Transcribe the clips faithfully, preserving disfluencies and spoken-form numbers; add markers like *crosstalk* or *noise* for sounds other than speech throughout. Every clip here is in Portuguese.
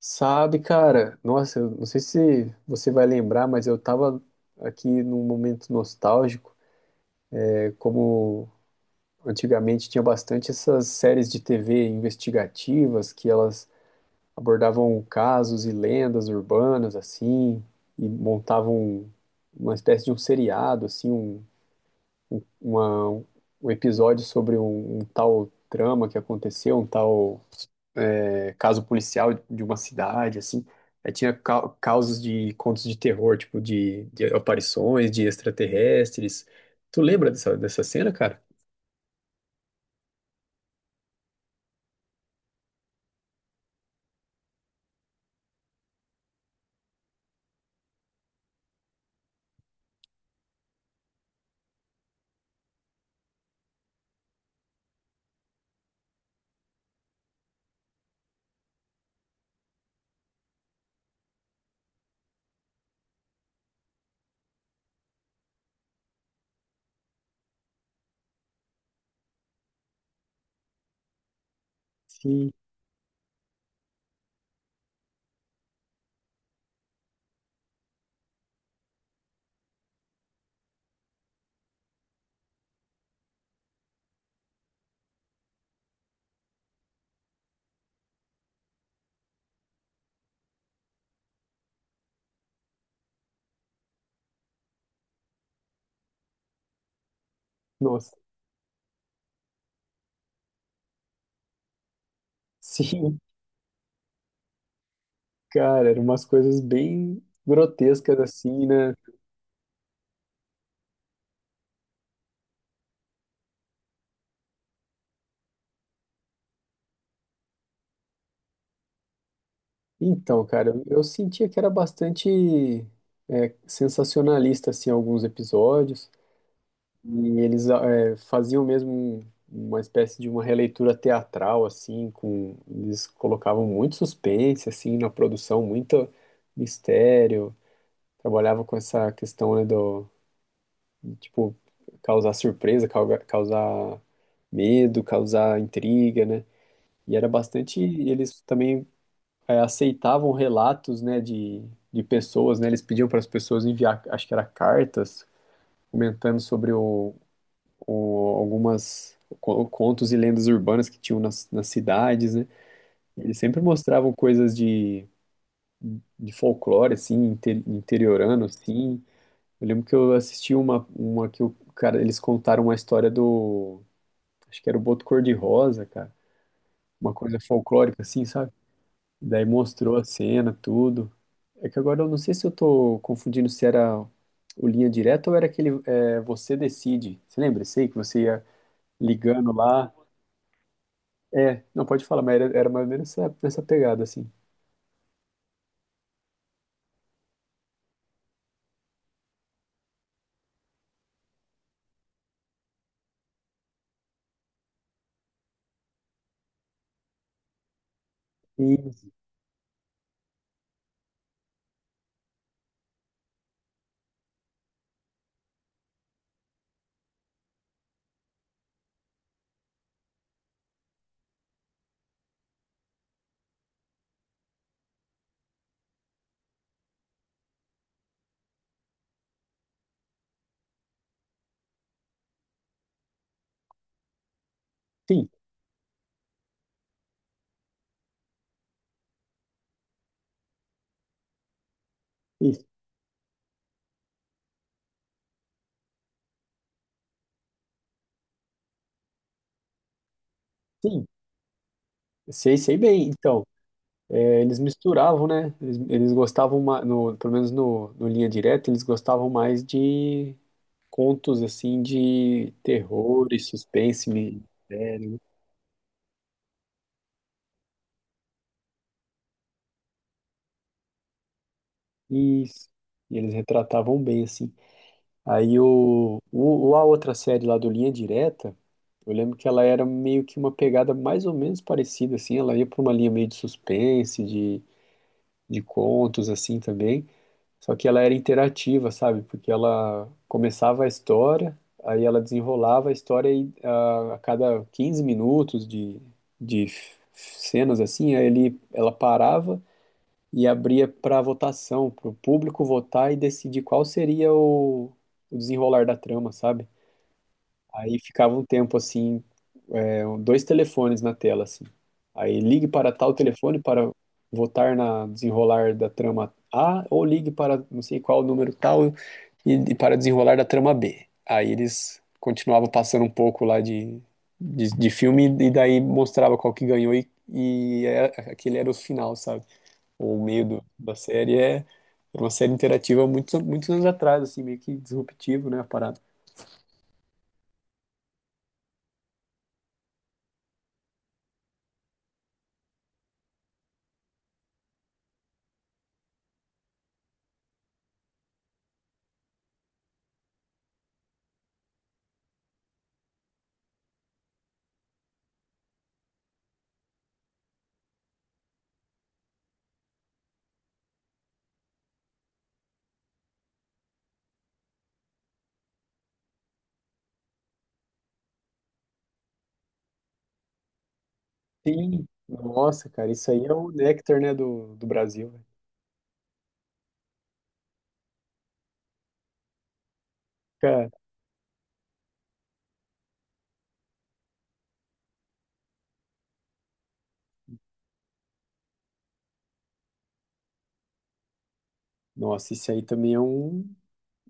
Sabe, cara, nossa, eu não sei se você vai lembrar, mas eu tava aqui num momento nostálgico, é, como antigamente tinha bastante essas séries de T V investigativas que elas abordavam casos e lendas urbanas assim, e montavam uma espécie de um seriado assim, um, uma- um episódio sobre um, um tal trama que aconteceu, um tal é, caso policial de uma cidade, assim. Aí tinha ca- casos de contos de terror, tipo de, de aparições, de extraterrestres. Tu lembra dessa, dessa cena, cara? Sim, nossa. *laughs* Sim, cara, eram umas coisas bem grotescas assim, né? Então, cara, eu eu sentia que era bastante é, sensacionalista, assim, alguns episódios. E eles eh, faziam mesmo um- uma espécie de uma releitura teatral, assim, com eles colocavam muito suspense, assim, na produção, muito mistério. Trabalhava com essa questão, né, do, de, tipo, causar surpresa, cauga- causar medo, causar intriga, né? E era bastante, eles também eh, aceitavam relatos, né, de, de pessoas, né? Eles pediam para as pessoas enviar, acho que era cartas, comentando sobre o o- algumas co- contos e lendas urbanas que tinham nas, nas cidades, né? Eles sempre mostravam coisas de, de folclore, assim, inter- interiorano, assim. Eu lembro que eu assisti uma, uma que o cara, eles contaram uma história do, acho que era o Boto Cor-de-Rosa, cara, uma coisa folclórica, assim, sabe? Daí mostrou a cena, tudo. É que agora eu não sei se eu tô confundindo se era o Linha Direta ou era aquele é, Você Decide. Você lembra? Sei que você ia ligando lá. É, não pode falar, mas era, era mais ou menos nessa, nessa pegada, assim. E sim, e, sim, sei, sei bem. Então, é, eles misturavam, né? Eles, eles gostavam, ma- no, pelo menos no, no Linha Direta, eles gostavam mais de contos, assim, de terror e suspense. me- Isso. E eles retratavam bem, assim. Aí o, o, o- a outra série lá do Linha Direta, eu lembro que ela era meio que uma pegada mais ou menos parecida, assim. Ela ia para uma linha meio de suspense, de de contos assim também. Só que ela era interativa, sabe? Porque ela começava a história, aí ela desenrolava a história e ah, a cada quinze minutos de, de f- cenas assim, aí ele, ela parava e abria para votação, para o público votar e decidir qual seria o, o desenrolar da trama, sabe? Aí ficava um tempo assim, é, dois telefones na tela, assim. Aí ligue para tal telefone para votar na desenrolar da trama A, ou ligue para não sei qual número tal e, e para desenrolar da trama B. Aí eles continuavam passando um pouco lá de, de, de filme e daí mostrava qual que ganhou e, e é- aquele era o final, sabe? O meio do- da série é era uma série interativa muitos muitos anos atrás, assim, meio que disruptivo, né, a parada. Sim, nossa, cara, isso aí é o néctar, né, do, do Brasil, velho. Cara, nossa, isso aí também é um,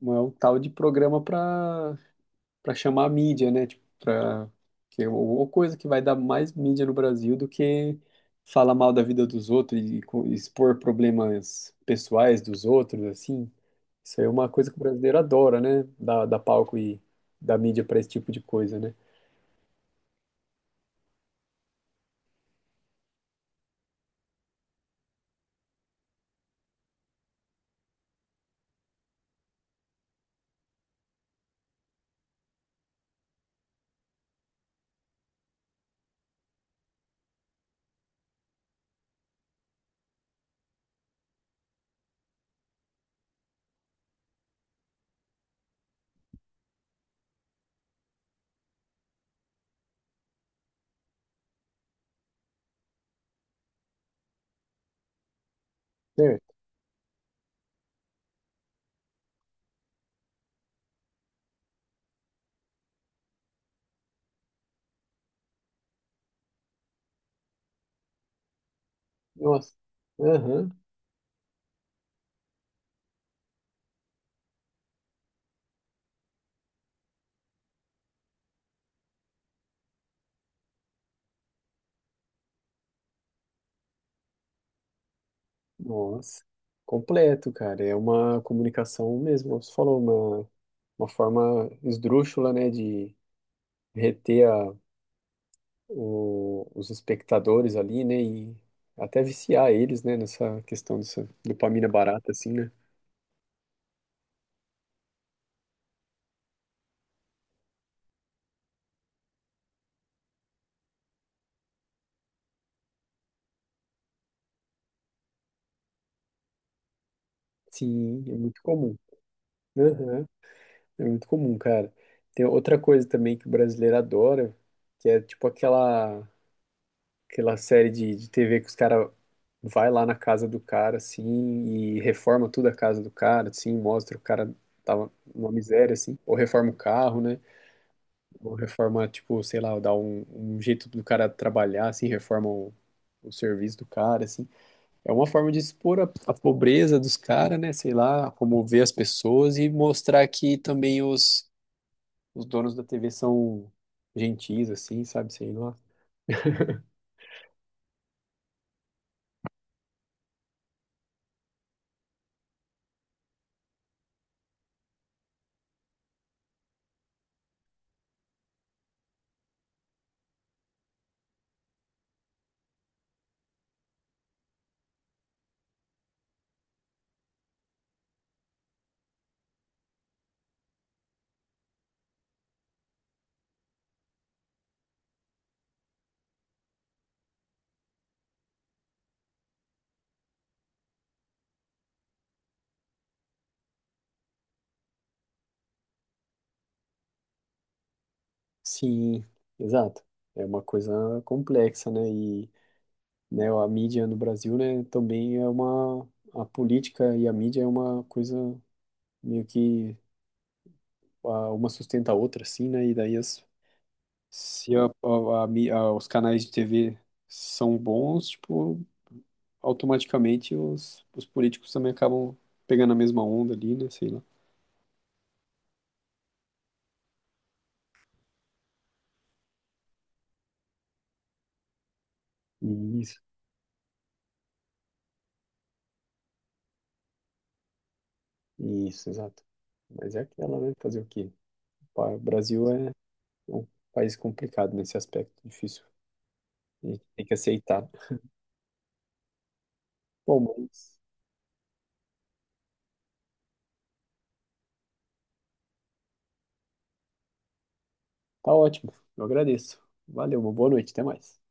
um- é um tal de programa pra, para chamar a mídia, né, tipo, pra, que é uma coisa que vai dar mais mídia no Brasil do que falar mal da vida dos outros e, co- expor problemas pessoais dos outros, assim. Isso aí é uma coisa que o brasileiro adora, né, dar, dar palco e dar mídia pra esse tipo de coisa, né. Certo, nossa, aham. Nossa, completo, cara. É uma comunicação mesmo. Você falou uma, uma forma esdrúxula, né, de reter a, o- os espectadores ali, né, e até viciar eles, né, nessa questão dessa dopamina barata, assim, né? Sim, é muito comum. Aham, é muito comum, cara. Tem outra coisa também que o brasileiro adora, que é tipo aquela aquela série de, de T V que os caras vai lá na casa do cara, assim, e reforma tudo a casa do cara, assim, mostra o cara tava numa miséria, assim, ou reforma o carro, né? Ou reforma, tipo, sei lá, dá um, um jeito do cara trabalhar, assim, reforma o, o serviço do cara, assim. É uma forma de expor a, a pobreza dos caras, né? Sei lá, comover as pessoas e mostrar que também os, os donos da T V são gentis, assim, sabe? Sei lá. Sim, exato. É uma coisa complexa, né? E né, a mídia no Brasil, né, também é uma a política e a mídia é uma coisa meio que a- uma sustenta a outra, assim, né? E daí as, se a, a, a mí- a- os canais de T V são bons, tipo, automaticamente os, os políticos também acabam pegando a mesma onda ali, né? Sei lá. Isso, isso, exato. Mas é aquela, né? Fazer o quê? Pá, o Brasil é é um país complicado nesse aspecto, difícil. A gente tem que aceitar. Bom, mas tá ótimo. Eu agradeço. Valeu, uma boa noite, até mais.